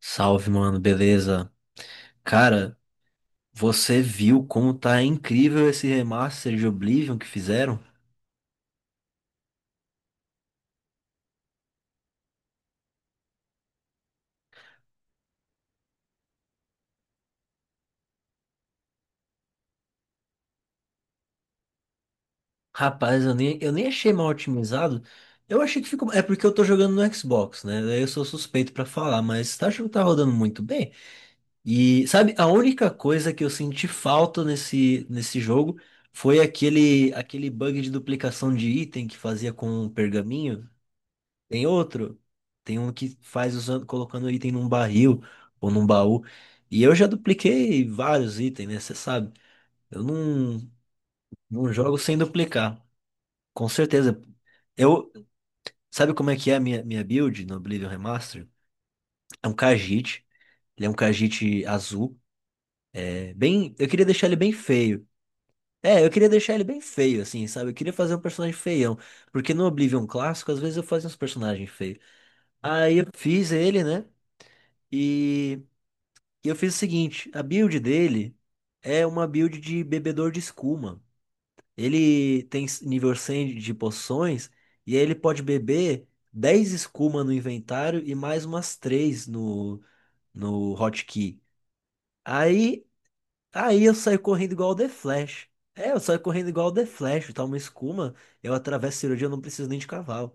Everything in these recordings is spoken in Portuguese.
Salve, mano, beleza? Cara, você viu como tá incrível esse remaster de Oblivion que fizeram? Rapaz, eu nem achei mal otimizado. Eu achei que ficou. É porque eu tô jogando no Xbox, né? Daí eu sou suspeito pra falar, mas tá, acho que tá rodando muito bem. E sabe, a única coisa que eu senti falta nesse jogo foi aquele bug de duplicação de item que fazia com o pergaminho. Tem outro. Tem um que faz usando, colocando item num barril ou num baú. E eu já dupliquei vários itens, né? Você sabe. Eu não, não jogo sem duplicar. Com certeza. Eu, sabe como é que é a minha build no Oblivion Remaster? É um Khajiit. Ele é um Khajiit azul. É bem, eu queria deixar ele bem feio. É, eu queria deixar ele bem feio, assim, sabe? Eu queria fazer um personagem feião. Porque no Oblivion clássico, às vezes eu fazia uns personagens feios. Aí eu fiz ele, né? E E eu fiz o seguinte, a build dele é uma build de bebedor de escuma. Ele tem nível 100 de poções e aí ele pode beber 10 escuma no inventário e mais umas 3 no hotkey. Aí, aí eu saio correndo igual o The Flash. É, eu saio correndo igual o The Flash, tá uma escuma, eu atravesso a cirurgia, eu não preciso nem de cavalo.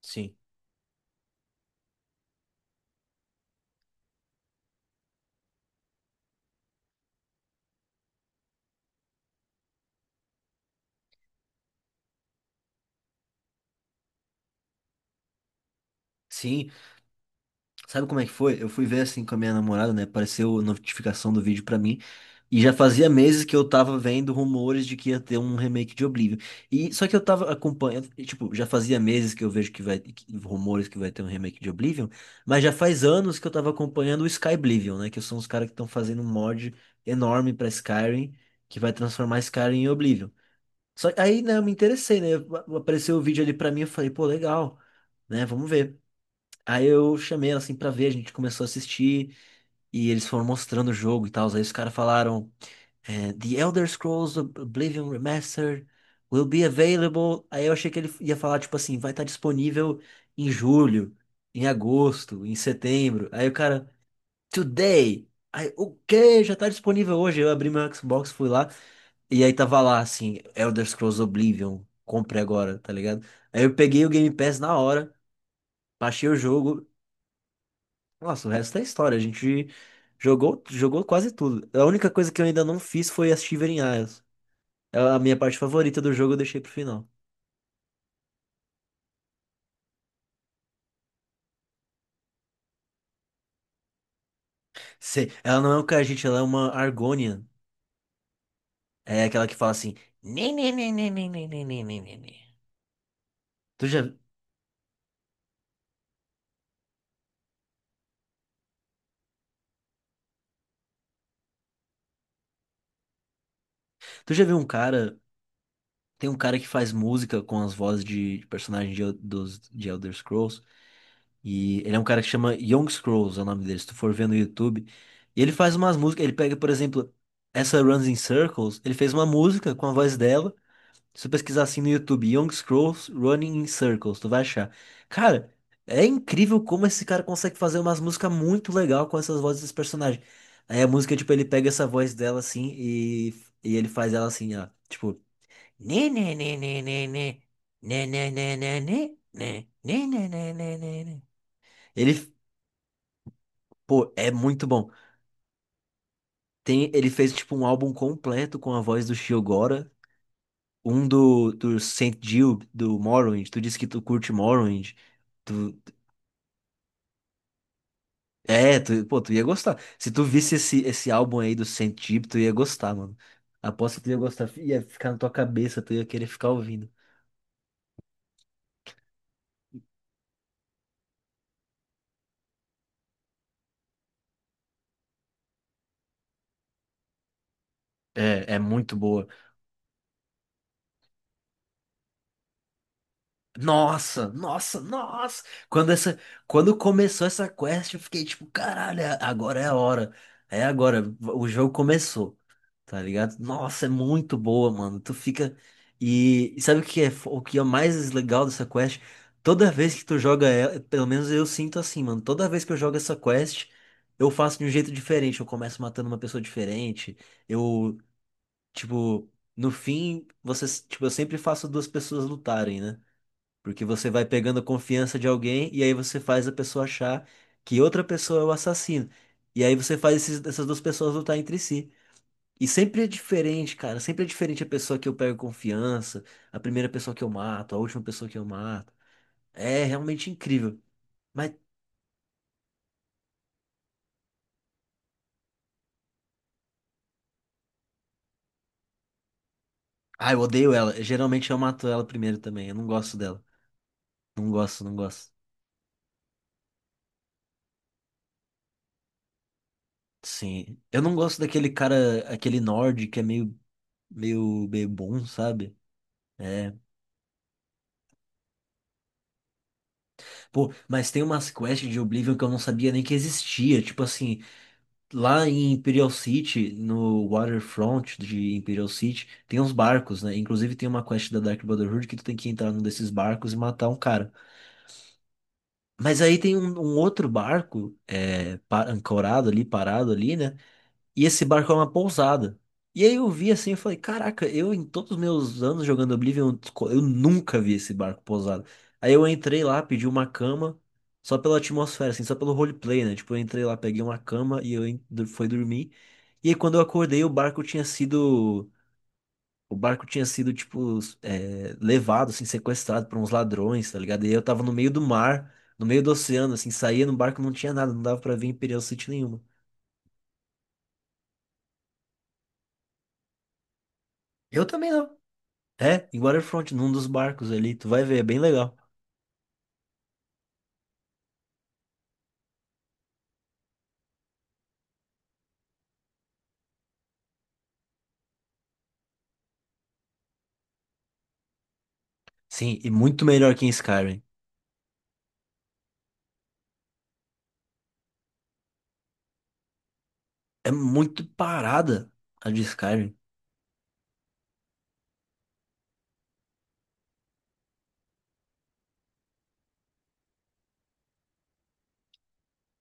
Sim. Sim, sabe como é que foi? Eu fui ver assim com a minha namorada, né? Apareceu a notificação do vídeo pra mim. E já fazia meses que eu tava vendo rumores de que ia ter um remake de Oblivion. E só que eu tava acompanhando, e, tipo, já fazia meses que eu vejo rumores que vai ter um remake de Oblivion, mas já faz anos que eu tava acompanhando o Skyblivion, né, que são os caras que estão fazendo um mod enorme pra Skyrim, que vai transformar Skyrim em Oblivion. Só aí, né, eu me interessei, né? Apareceu o vídeo ali pra mim, eu falei, pô, legal, né? Vamos ver. Aí eu chamei ela assim pra ver, a gente começou a assistir e eles foram mostrando o jogo e tal. Aí os caras falaram: é, The Elder Scrolls Oblivion Remastered will be available. Aí eu achei que ele ia falar, tipo assim, vai estar disponível em julho, em agosto, em setembro. Aí o cara, Today! Aí, o quê? Já tá disponível hoje. Eu abri meu Xbox, fui lá e aí tava lá assim: Elder Scrolls Oblivion, compre agora, tá ligado? Aí eu peguei o Game Pass na hora. Baixei o jogo. Nossa, o resto é história. A gente jogou, jogou quase tudo. A única coisa que eu ainda não fiz foi as Shivering Isles. É a minha parte favorita do jogo, eu deixei pro final. Ela não é o Khajiit, ela é uma Argonian. É aquela que fala assim. "Nê, nê, nê, nê, nê, nê, nê, nê, nê, nê, nê." Tu já, tu já viu um cara. Tem um cara que faz música com as vozes de personagens de Elder Scrolls. E ele é um cara que chama Young Scrolls, é o nome dele, se tu for ver no YouTube. E ele faz umas músicas, ele pega, por exemplo, essa Runs in Circles, ele fez uma música com a voz dela. Se tu pesquisar assim no YouTube, Young Scrolls Running in Circles, tu vai achar. Cara, é incrível como esse cara consegue fazer umas músicas muito legal com essas vozes dos personagens. Aí a música, tipo, ele pega essa voz dela assim e ele faz ela assim, ó, tipo, né, né, né, né, né, né, né, né, né, né, né, né, né, né, né, né, né. Ele Pô, é muito bom. Tem, ele fez tipo um álbum completo com a voz do Shio Gora, um do Saint Jill, do Morrowind. Tu disse que tu curte Morrowind. Tu, pô, tu ia gostar. Se tu visse esse álbum aí do Saint Jill, tu ia gostar, mano. Aposto que tu ia gostar, ia ficar na tua cabeça, tu ia querer ficar ouvindo. É, é muito boa. Nossa, nossa, nossa. Quando essa, quando começou essa quest, eu fiquei tipo, caralho, agora é a hora. É agora, o jogo começou. Tá ligado? Nossa, é muito boa, mano. Tu fica e sabe o que é mais legal dessa quest? Toda vez que tu joga ela, pelo menos eu sinto assim, mano. Toda vez que eu jogo essa quest, eu faço de um jeito diferente. Eu começo matando uma pessoa diferente. Eu, tipo, no fim, tipo, eu sempre faço duas pessoas lutarem, né? Porque você vai pegando a confiança de alguém e aí você faz a pessoa achar que outra pessoa é o assassino. E aí você faz essas duas pessoas lutar entre si. E sempre é diferente, cara. Sempre é diferente a pessoa que eu pego confiança, a primeira pessoa que eu mato, a última pessoa que eu mato. É realmente incrível. Mas, ah, eu odeio ela. Geralmente eu mato ela primeiro também. Eu não gosto dela. Não gosto, não gosto. Sim. Eu não gosto daquele cara, aquele nord que é meio bebum, sabe? É, pô, mas tem umas quests de Oblivion que eu não sabia nem que existia. Tipo assim, lá em Imperial City, no waterfront de Imperial City, tem uns barcos, né? Inclusive tem uma quest da Dark Brotherhood que tu tem que entrar num desses barcos e matar um cara. Mas aí tem um outro barco, é, ancorado ali, parado ali, né? E esse barco era uma pousada. E aí eu vi assim, eu falei, caraca, eu em todos os meus anos jogando Oblivion, eu nunca vi esse barco pousado. Aí eu entrei lá, pedi uma cama, só pela atmosfera, assim, só pelo roleplay, né? Tipo, eu entrei lá, peguei uma cama e eu fui dormir. E aí quando eu acordei, o barco tinha sido. O barco tinha sido, tipo, é, levado, assim, sequestrado por uns ladrões, tá ligado? E aí eu tava no meio do mar, no meio do oceano, assim, saía no barco, não tinha nada, não dava pra ver Imperial City nenhuma. Eu também não. É, em Waterfront, num dos barcos ali, tu vai ver, é bem legal. Sim, e muito melhor que em Skyrim. É muito parada a de Skyrim.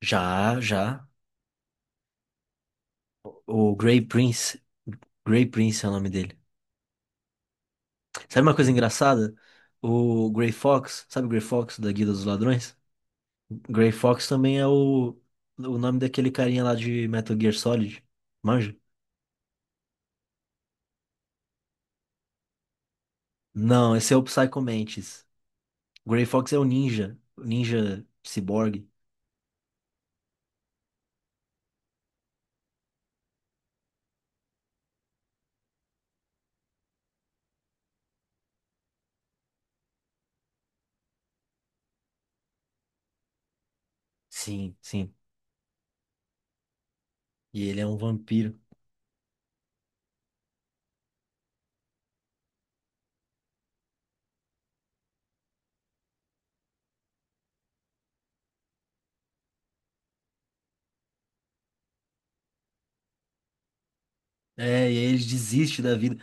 Já, já. O o Grey Prince, Grey Prince é o nome dele. Sabe uma coisa engraçada? O Grey Fox, sabe o Grey Fox da Guilda dos Ladrões? Grey Fox também é o nome daquele carinha lá de Metal Gear Solid. Manja? Não, esse é o Psycho Mantis. O Grey Fox é o ninja ciborgue. Sim, sim. E ele é um vampiro. É, e aí eles desistem da vida.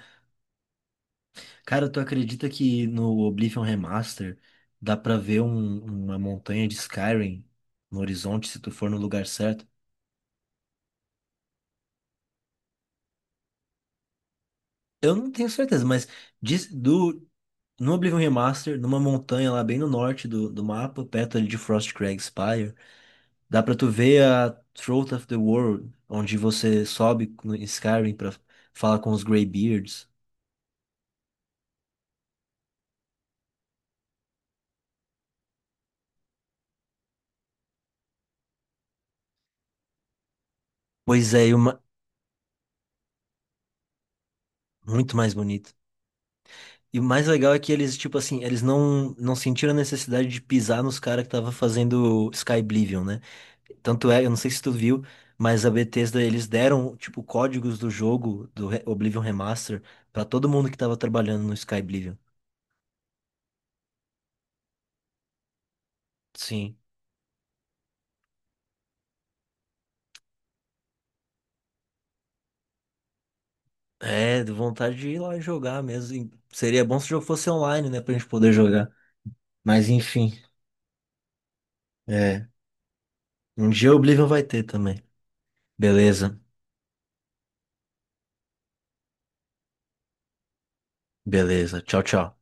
Cara, tu acredita que no Oblivion Remaster dá pra ver uma montanha de Skyrim no horizonte se tu for no lugar certo? Eu não tenho certeza, mas diz- do, no Oblivion Remaster, numa montanha lá bem no norte do mapa, perto ali de Frostcrag Spire, dá pra tu ver a Throat of the World, onde você sobe no em Skyrim pra falar com os Greybeards. Pois é, muito mais bonito. E o mais legal é que eles, tipo assim, eles não sentiram a necessidade de pisar nos caras que tava fazendo Sky Oblivion, né? Tanto é, eu não sei se tu viu, mas a Bethesda, eles deram, tipo, códigos do jogo, Oblivion Remaster, pra todo mundo que tava trabalhando no Sky Oblivion. Sim. É, deu vontade de ir lá e jogar mesmo. Seria bom se o jogo fosse online, né, pra gente poder jogar. Mas enfim, é. Um dia o Oblivion vai ter também. Beleza, beleza. Tchau, tchau.